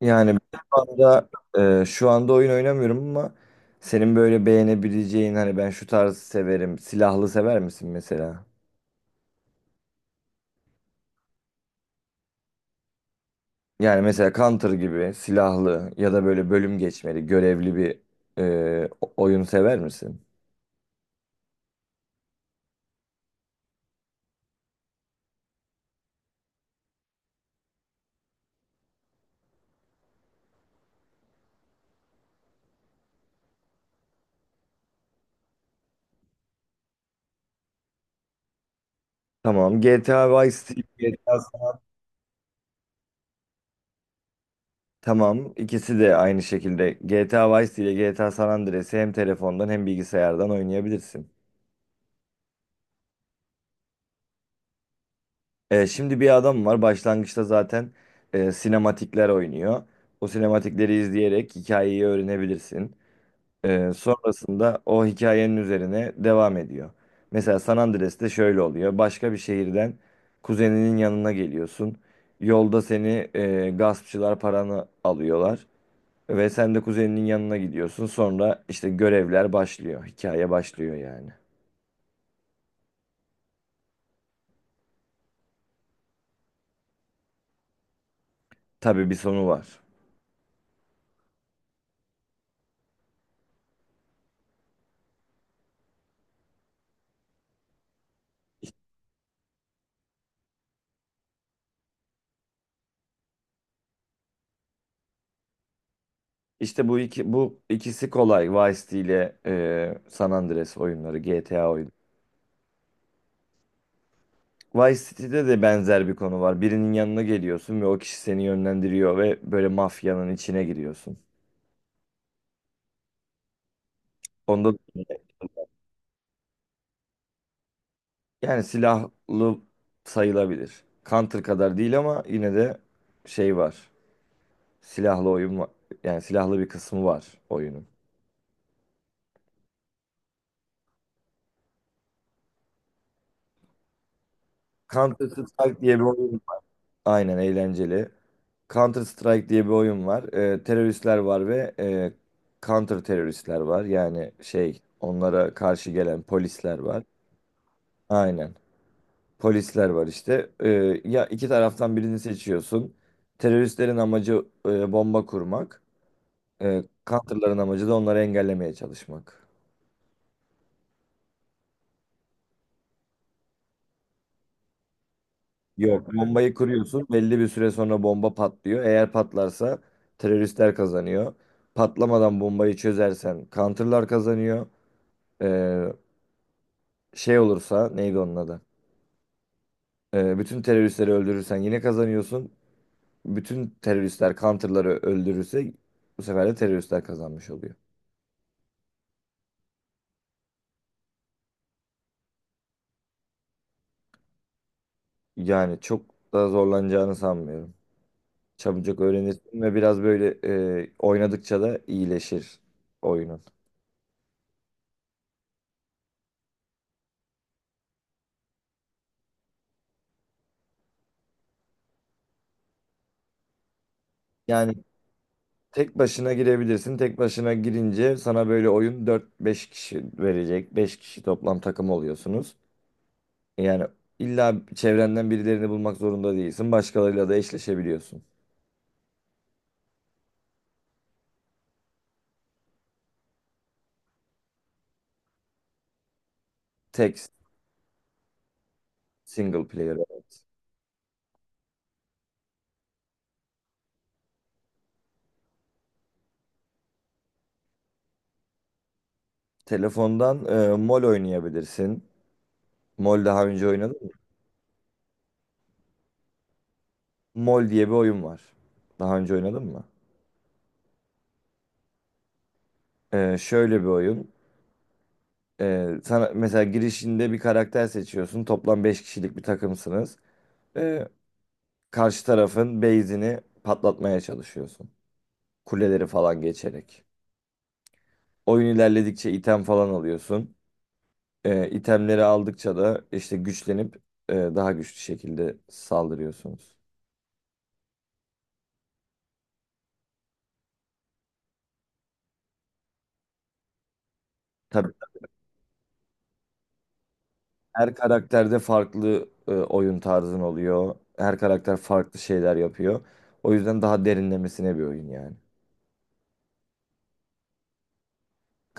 Yani ben şu anda şu anda oyun oynamıyorum ama senin böyle beğenebileceğin hani ben şu tarzı severim. Silahlı sever misin mesela? Yani mesela Counter gibi silahlı ya da böyle bölüm geçmeli, görevli bir oyun sever misin? Tamam. GTA Vice City, GTA. Tamam. ikisi de aynı şekilde. GTA Vice City ile GTA San Andreas'ı hem telefondan hem bilgisayardan oynayabilirsin. Şimdi bir adam var başlangıçta zaten sinematikler oynuyor. O sinematikleri izleyerek hikayeyi öğrenebilirsin. Sonrasında o hikayenin üzerine devam ediyor. Mesela San Andreas'te şöyle oluyor. Başka bir şehirden kuzeninin yanına geliyorsun. Yolda seni gaspçılar paranı alıyorlar. Ve sen de kuzeninin yanına gidiyorsun. Sonra işte görevler başlıyor. Hikaye başlıyor yani. Tabii bir sonu var. İşte bu ikisi kolay. Vice City ile San Andreas oyunları, GTA oyunu. Vice City'de de benzer bir konu var. Birinin yanına geliyorsun ve o kişi seni yönlendiriyor ve böyle mafyanın içine giriyorsun. Onda da yani silahlı sayılabilir. Counter kadar değil ama yine de şey var. Silahlı oyun var. Yani silahlı bir kısmı var oyunun. Counter Strike diye bir oyun. Aynen, eğlenceli. Counter Strike diye bir oyun var. Teröristler var ve counter teröristler var. Yani şey onlara karşı gelen polisler var. Aynen. Polisler var işte. Ya iki taraftan birini seçiyorsun. Teröristlerin amacı bomba kurmak. Counter'ların amacı da onları engellemeye çalışmak. Yok, bombayı kuruyorsun. Belli bir süre sonra bomba patlıyor. Eğer patlarsa teröristler kazanıyor. Patlamadan bombayı çözersen counter'lar kazanıyor. Ee, Şey olursa neydi onun adı? Bütün teröristleri öldürürsen yine kazanıyorsun. Bütün teröristler counter'ları öldürürse bu sefer de teröristler kazanmış oluyor. Yani çok da zorlanacağını sanmıyorum. Çabucak öğrenirsin ve biraz böyle oynadıkça da iyileşir oyunun. Yani tek başına girebilirsin. Tek başına girince sana böyle oyun dört beş kişi verecek. Beş kişi toplam takım oluyorsunuz. Yani illa çevrenden birilerini bulmak zorunda değilsin. Başkalarıyla da eşleşebiliyorsun. Tek single player. Evet. Telefondan MOL oynayabilirsin. MOL daha önce oynadın mı? MOL diye bir oyun var. Daha önce oynadın mı? Şöyle bir oyun. Sana mesela girişinde bir karakter seçiyorsun. Toplam 5 kişilik bir takımsınız. E, Karşı tarafın base'ini patlatmaya çalışıyorsun. Kuleleri falan geçerek. Oyun ilerledikçe item falan alıyorsun. İtemleri aldıkça da işte güçlenip daha güçlü şekilde saldırıyorsunuz. Tabii her karakterde farklı oyun tarzın oluyor. Her karakter farklı şeyler yapıyor. O yüzden daha derinlemesine bir oyun yani.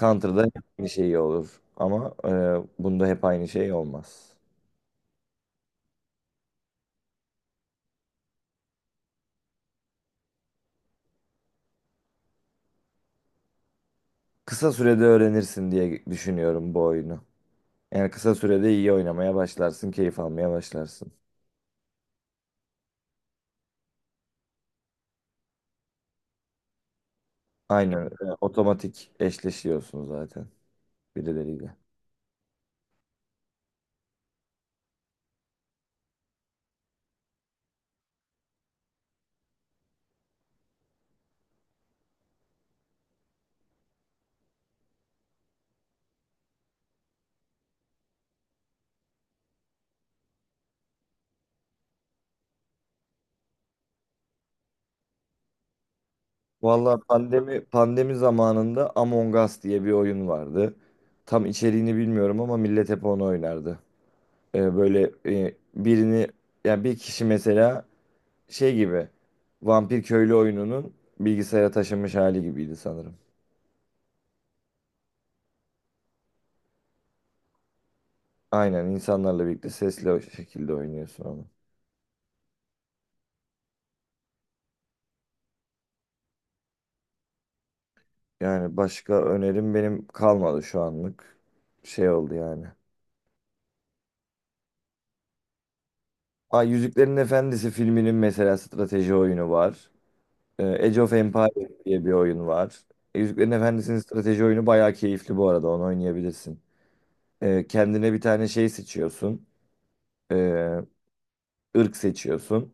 Counter'da hep aynı şey olur ama bunda hep aynı şey olmaz. Kısa sürede öğrenirsin diye düşünüyorum bu oyunu. Yani kısa sürede iyi oynamaya başlarsın, keyif almaya başlarsın. Aynen, otomatik eşleşiyorsun zaten birileriyle. Valla pandemi zamanında Among Us diye bir oyun vardı. Tam içeriğini bilmiyorum ama millet hep onu oynardı. Böyle birini yani bir kişi mesela şey gibi vampir köylü oyununun bilgisayara taşınmış hali gibiydi sanırım. Aynen insanlarla birlikte sesli o şekilde oynuyorsun onu. Yani başka önerim benim kalmadı şu anlık. Şey oldu yani. Aa, Yüzüklerin Efendisi filminin mesela strateji oyunu var. Age of Empires diye bir oyun var. Yüzüklerin Efendisi'nin strateji oyunu bayağı keyifli bu arada. Onu oynayabilirsin. Kendine bir tane şey seçiyorsun. Ee, ırk seçiyorsun.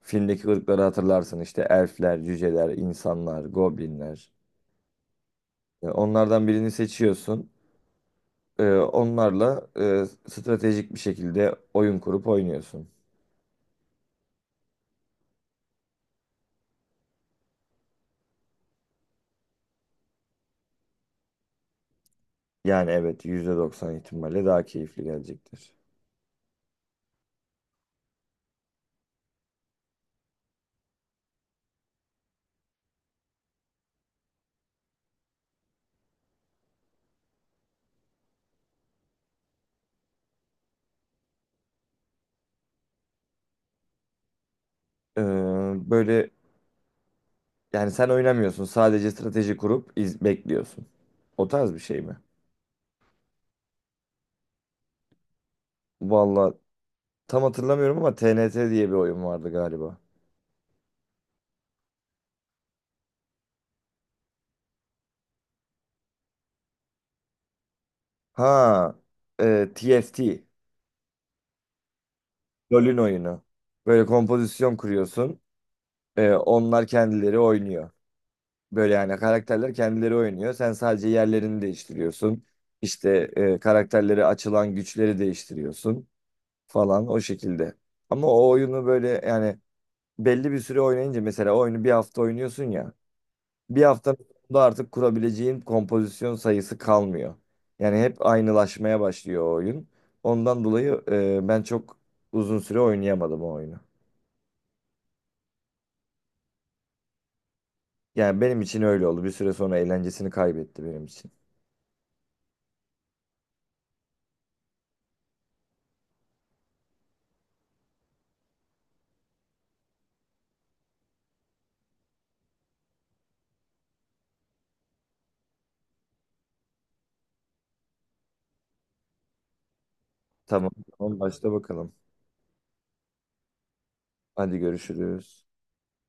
Filmdeki ırkları hatırlarsın. İşte elfler, cüceler, insanlar, goblinler. Onlardan birini seçiyorsun. Onlarla stratejik bir şekilde oyun kurup oynuyorsun. Yani evet %90 ihtimalle daha keyifli gelecektir. Ee, böyle Yani sen oynamıyorsun. Sadece strateji kurup iz bekliyorsun. O tarz bir şey mi? Valla tam hatırlamıyorum ama TNT diye bir oyun vardı galiba. Ha, TFT. LoL'ün oyunu. Böyle kompozisyon kuruyorsun. Onlar kendileri oynuyor. Böyle yani karakterler kendileri oynuyor. Sen sadece yerlerini değiştiriyorsun. İşte karakterleri açılan güçleri değiştiriyorsun falan o şekilde. Ama o oyunu böyle yani belli bir süre oynayınca mesela oyunu bir hafta oynuyorsun ya. Bir haftanın sonunda artık kurabileceğin kompozisyon sayısı kalmıyor. Yani hep aynılaşmaya başlıyor o oyun. Ondan dolayı ben çok uzun süre oynayamadım o oyunu. Yani benim için öyle oldu. Bir süre sonra eğlencesini kaybetti benim için. Tamam. Tamam, başla bakalım. Hadi görüşürüz.